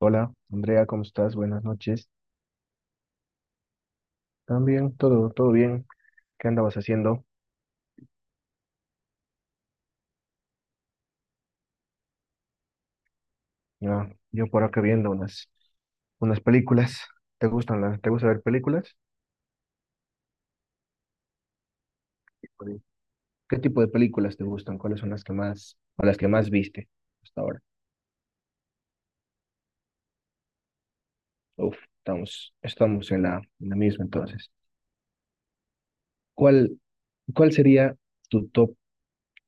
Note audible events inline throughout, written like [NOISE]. Hola, Andrea, ¿cómo estás? Buenas noches. También, todo bien. ¿Qué andabas haciendo? Ah, yo por acá viendo unas películas. ¿Te gusta ver películas? Sí. ¿Qué tipo de películas te gustan? ¿Cuáles son las que más viste hasta ahora? Uf, estamos en la misma entonces. ¿Cuál, cuál sería tu top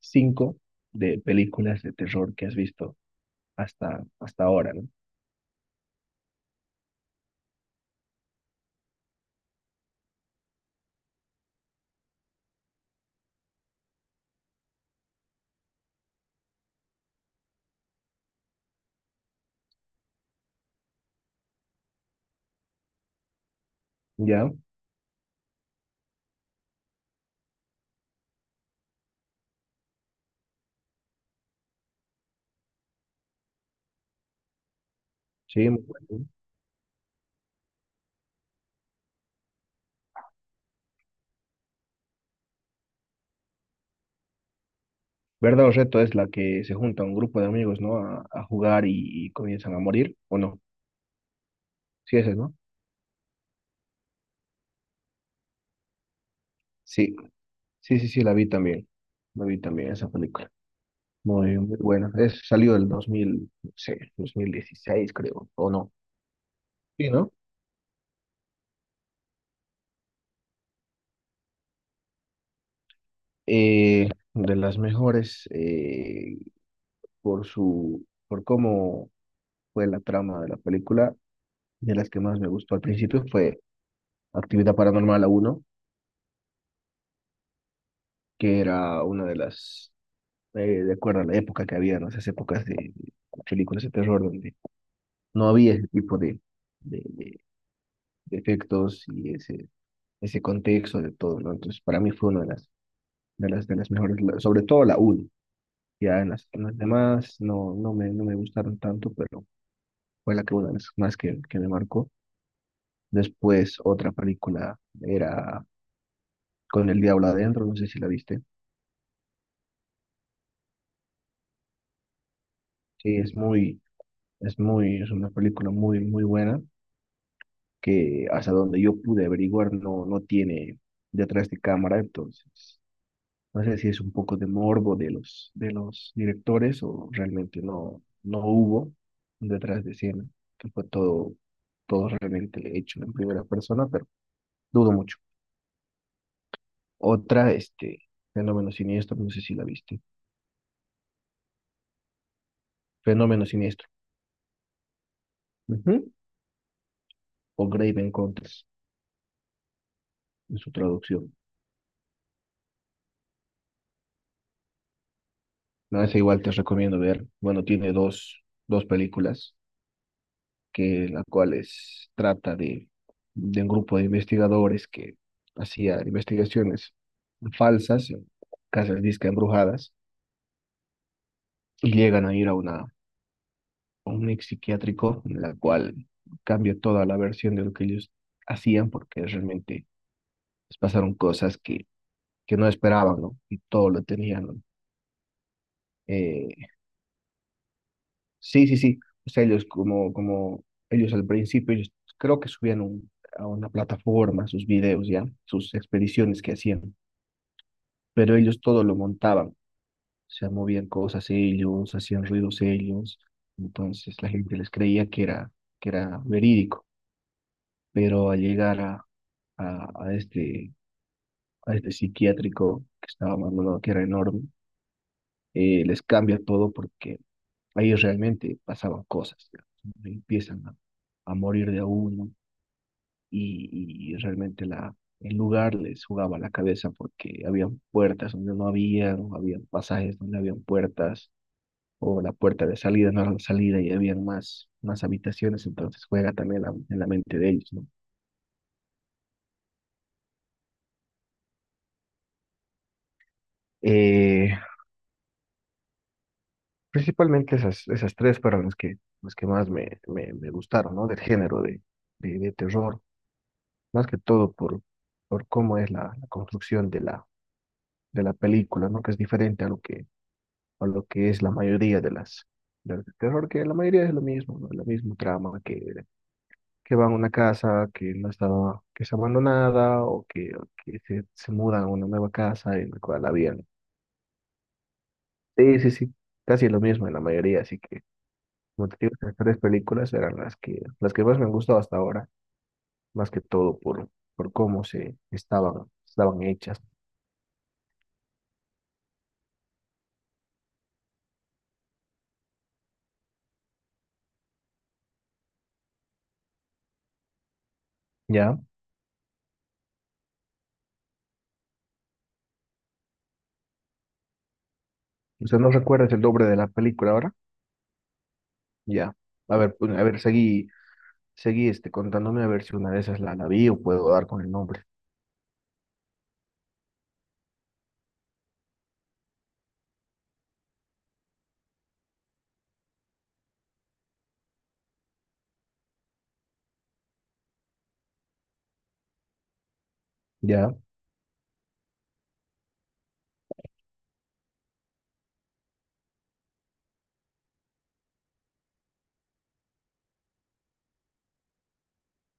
5 de películas de terror que has visto hasta ahora, ¿no? ¿Ya? Sí, muy bueno. Verdad o reto es la que se junta un grupo de amigos, ¿no? A jugar y comienzan a morir, ¿o no? Sí, esa es, ¿no? Sí, sí, sí, sí, la vi también. La vi también esa película. Muy, muy buena. Salió el 2000 no sé, 2016 creo, ¿o no? Sí, ¿no? Eh, de las mejores por por cómo fue la trama de la película, de las que más me gustó al principio fue Actividad Paranormal uno que era una de las eh, de acuerdo a la época que había, ¿no? Esas épocas de películas de terror donde no había ese tipo de, de- de efectos y ese contexto de todo, ¿no? Entonces, para mí fue una de las mejores, sobre todo la 1. Ya en las demás no me gustaron tanto, pero fue la que una de las más que me marcó. Después, otra película era Con el Diablo Adentro, no sé si la viste. Sí, es una película muy, muy buena que hasta donde yo pude averiguar no tiene detrás de cámara, entonces no sé si es un poco de morbo de los directores o realmente no hubo un detrás de escena, que fue todo realmente hecho en primera persona, pero dudo mucho. Otra, Fenómeno Siniestro, no sé si la viste, Fenómeno Siniestro, ujú, o Grave Encounters, en su traducción. No, esa igual te recomiendo ver. Bueno, tiene dos películas que trata de un grupo de investigadores que hacían investigaciones falsas, en casas disque embrujadas, y llegan a ir a un ex psiquiátrico, en la cual cambia toda la versión de lo que ellos hacían, porque realmente les pasaron cosas que no esperaban, ¿no? Y todo lo tenían, ¿no? eh, Sí, sí, sí. O sea, ellos como ellos al principio, ellos creo que subían a una plataforma sus videos, ya, sus expediciones que hacían, pero ellos todo lo montaban. O sea, movían cosas ellos, hacían ruidos ellos. Entonces la gente les creía que era verídico. Pero al llegar a, a este, a este psiquiátrico que estaba abandonado, que era enorme, les cambia todo porque ahí realmente pasaban cosas. Ya. Empiezan a morir de a uno y realmente el lugar les jugaba la cabeza porque habían puertas donde no habían, habían pasajes donde habían puertas, o la puerta de salida no era la salida y habían más habitaciones, entonces juega también en la mente de ellos, ¿no? Eh, Principalmente esas tres fueron las que más me gustaron, ¿no? Del género de terror, más que todo por cómo es la construcción de la película, ¿no? Que es diferente a lo que es la mayoría de las de terror, que la mayoría es lo mismo, ¿no? La misma trama que van a una casa que no estaba, que está abandonada o que se mudan a una nueva casa en la cual habían. Sí, sí, sí, casi lo mismo en la mayoría, así que como te digo, estas tres películas eran las que más me han gustado hasta ahora, más que todo por cómo se estaban hechas, ¿ya? Usted ¿no recuerda el nombre de la película ahora? Ya. A ver, pues, a ver, seguí contándome a ver si una de esas la vi o puedo dar con el nombre. Ya,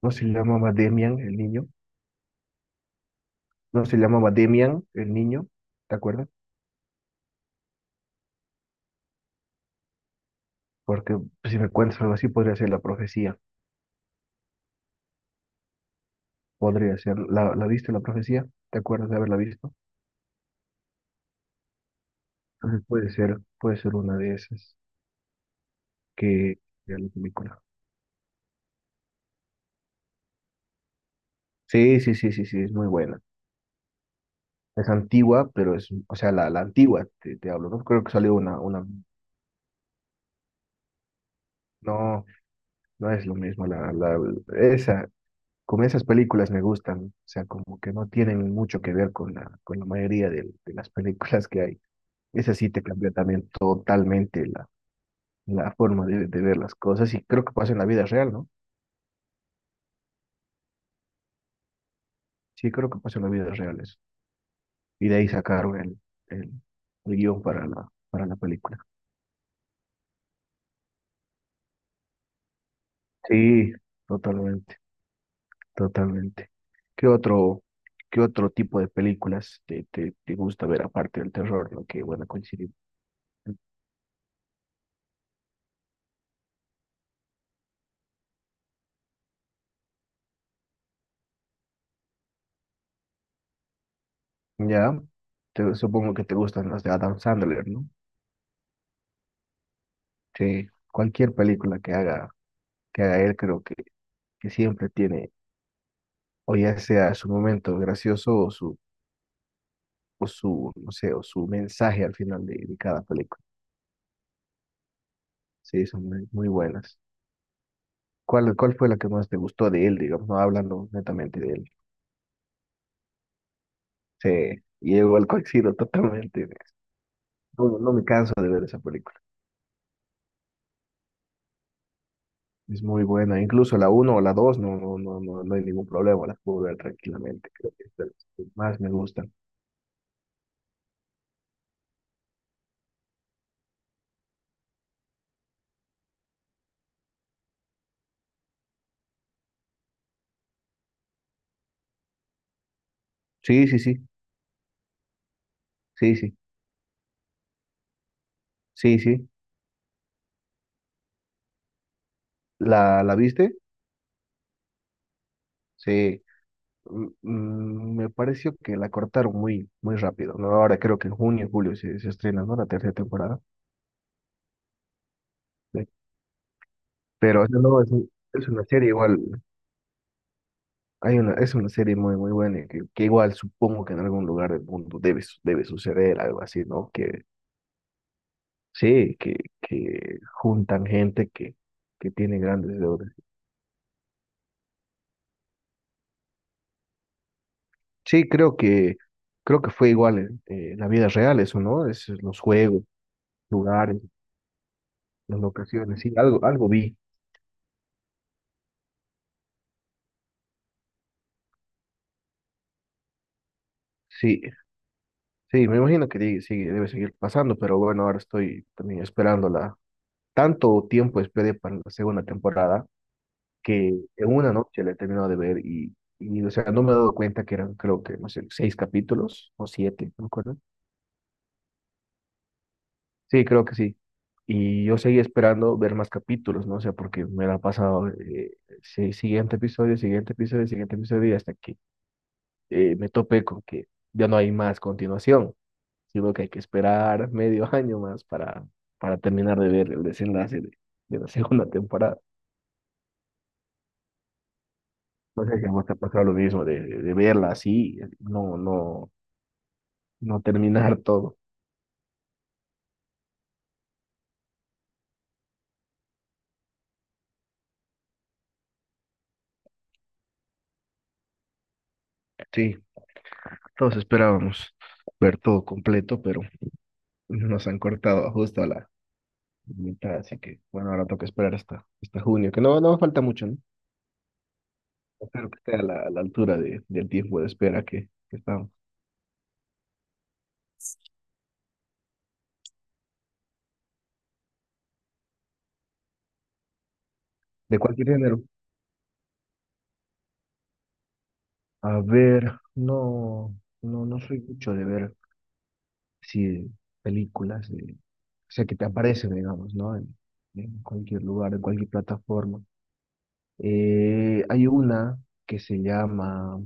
no se llamaba Demian el niño, no se llamaba Demian el niño, ¿te acuerdas? Porque si me cuentas algo así, podría ser la profecía, podría ser, ¿la viste la profecía? ¿Te acuerdas de haberla visto? Entonces puede ser una de esas que de la película. Sí, sí, sí, sí, sí, es muy buena. Es antigua, pero o sea, la antigua, te hablo, ¿no? Creo que salió no, no es lo mismo, esa, como esas películas me gustan, o sea, como que no tienen mucho que ver con la mayoría de las películas que hay. Esa sí te cambia también totalmente la forma de ver las cosas y creo que pasa en la vida real, ¿no? Sí, creo que pasa en la vida real eso. Y de ahí sacaron el, el guión para la película. Sí, totalmente, totalmente. ¿Qué otro, qué otro tipo de películas te gusta ver aparte del terror, ¿no? Que bueno, coincidir. Ya, supongo que te gustan las de Adam Sandler, ¿no? Sí, cualquier película que haga él, creo que siempre tiene, o ya sea su momento gracioso no sé, o su mensaje al final de cada película. Sí, son muy, muy buenas. ¿Cuál fue la que más te gustó de él, digamos, no hablando netamente de él? Sí, y igual coincido totalmente. No, no me canso de ver esa película. Es muy buena, incluso la uno o la 2 no, no, no, no, no hay ningún problema, las puedo ver tranquilamente, creo que es de las que más me gustan. Sí, sí, sí, sí, sí, sí, sí. ¿La viste? Sí. Me pareció que la cortaron muy, muy rápido, ¿no? Ahora creo que en junio, julio se estrena, ¿no? La tercera temporada. Sí. Pero o sea, no, es una serie igual, es una serie muy, muy buena y que igual supongo que en algún lugar del mundo debe suceder algo así, ¿no? Que Sí, que juntan gente que tiene grandes deudas. Sí, creo que fue igual en la vida real eso, ¿no? Es los juegos, lugares, las locaciones, sí, algo vi. Sí, sí, me imagino que sí, debe seguir pasando, pero bueno, ahora estoy también esperándola. Tanto tiempo esperé para la segunda temporada que en una noche la he terminado de ver y, o sea, no me he dado cuenta que eran, creo que, no sé, seis capítulos o siete, ¿no? Sí, creo que sí. Y yo seguí esperando ver más capítulos, ¿no? O sea, porque me la pasaba sí, siguiente episodio, siguiente episodio, siguiente episodio, y hasta que me topé con que ya no hay más continuación, sino que hay que esperar [LAUGHS] medio año más para terminar de ver el desenlace de la [LAUGHS] segunda temporada. No sé si a vos te ha pasado lo mismo de verla así, no terminar [LAUGHS] todo. Sí, todos esperábamos ver todo completo, pero nos han cortado justo a la mitad, así que bueno, ahora toca esperar hasta junio, que no falta mucho, ¿no? Espero que esté a la altura del tiempo de espera que estamos. ¿De cualquier género? A ver, no soy mucho de ver sí, películas, o sea, que te aparecen, digamos, ¿no? En cualquier lugar, en cualquier plataforma. Hay una que se llama,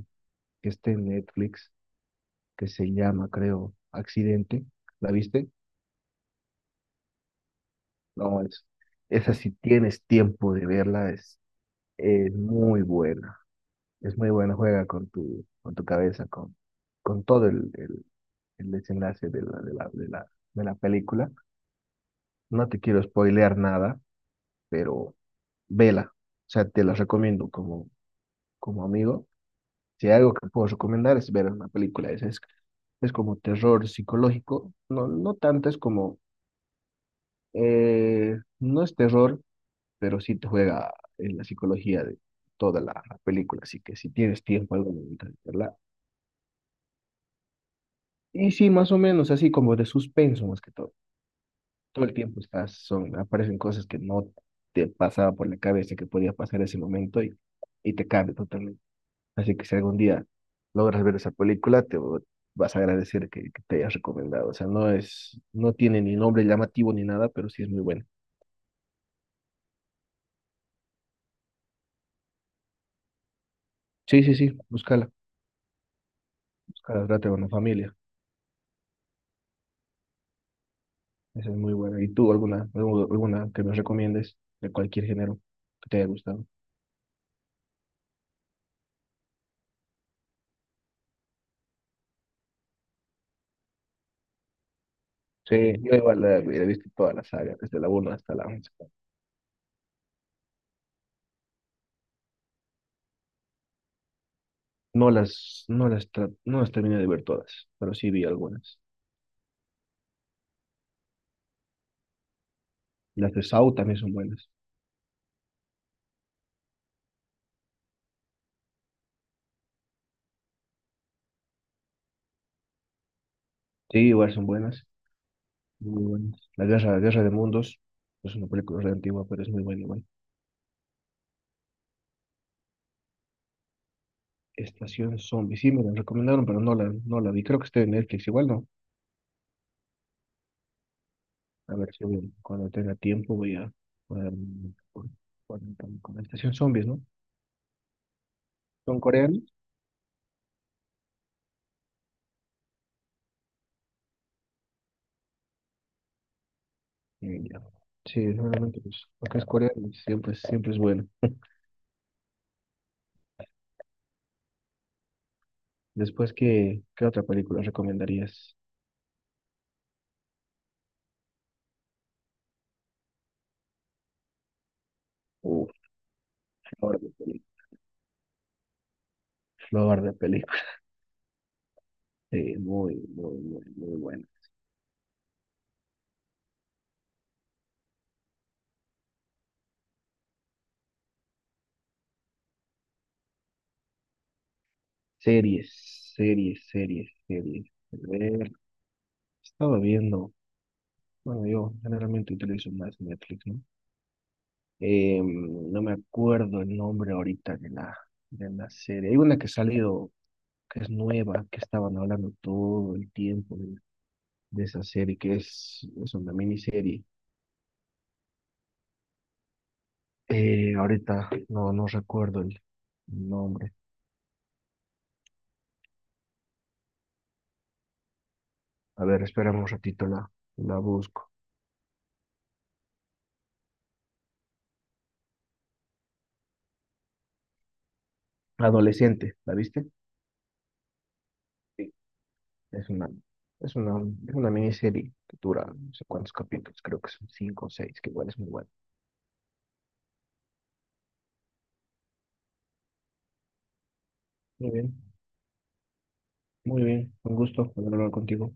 que está en Netflix, que se llama, creo, Accidente. ¿La viste? No, esa si tienes tiempo de verla, es muy buena. Es muy buena, juega con tu cabeza, con todo el desenlace de la película. No te quiero spoilear nada, pero vela. O sea, te la recomiendo como amigo. Si hay algo que puedo recomendar es ver una película. Es como terror psicológico. No, no tanto, es como, no es terror pero sí te juega en la psicología de toda la película, así que si tienes tiempo, algo de verla. Y sí, más o menos así como de suspenso más que todo. Todo el tiempo aparecen cosas que no te pasaba por la cabeza que podía pasar ese momento y te cambia totalmente. Así que si algún día logras ver esa película, vas a agradecer que te hayas recomendado. O sea, no es, no tiene ni nombre llamativo ni nada, pero sí es muy buena. Sí, sí, sí, búscala, búscala, trata con la familia. Esa es muy buena. ¿Y tú alguna, alguna que nos recomiendes de cualquier género que te haya gustado? Sí, yo igual he visto toda la saga, desde la 1 hasta la 11. No las terminé de ver todas, pero sí vi algunas. Las de Saw también son buenas. Sí, igual son buenas, muy buenas. La Guerra de Mundos es una película re antigua, pero es muy buena igual. Estación Zombie, sí me la recomendaron, pero no la vi. Creo que está en Netflix, igual no. A ver si cuando tenga tiempo voy a poner por- la estación zombies, ¿no? Son coreanos. Y ya. Sí, seguramente pues, porque es coreano, siempre, siempre es bueno. Después, ¿qué otra película recomendarías? Uf, flor de película. Flor de película. [LAUGHS] Sí, muy, muy, muy, muy buena. Series, series, series, series. A ver, estaba viendo, bueno, yo generalmente utilizo más Netflix, ¿no? No me acuerdo el nombre ahorita de la serie. Hay una que ha salido, que es nueva, que estaban hablando todo el tiempo de esa serie, que es una miniserie. Ahorita no recuerdo el nombre. A ver, espérame un ratito, la busco. Adolescente, ¿la viste? Sí. Es una, es una, es una miniserie que dura no sé cuántos capítulos, creo que son cinco o seis, que igual es muy bueno. Muy bien, muy bien, un gusto hablar contigo.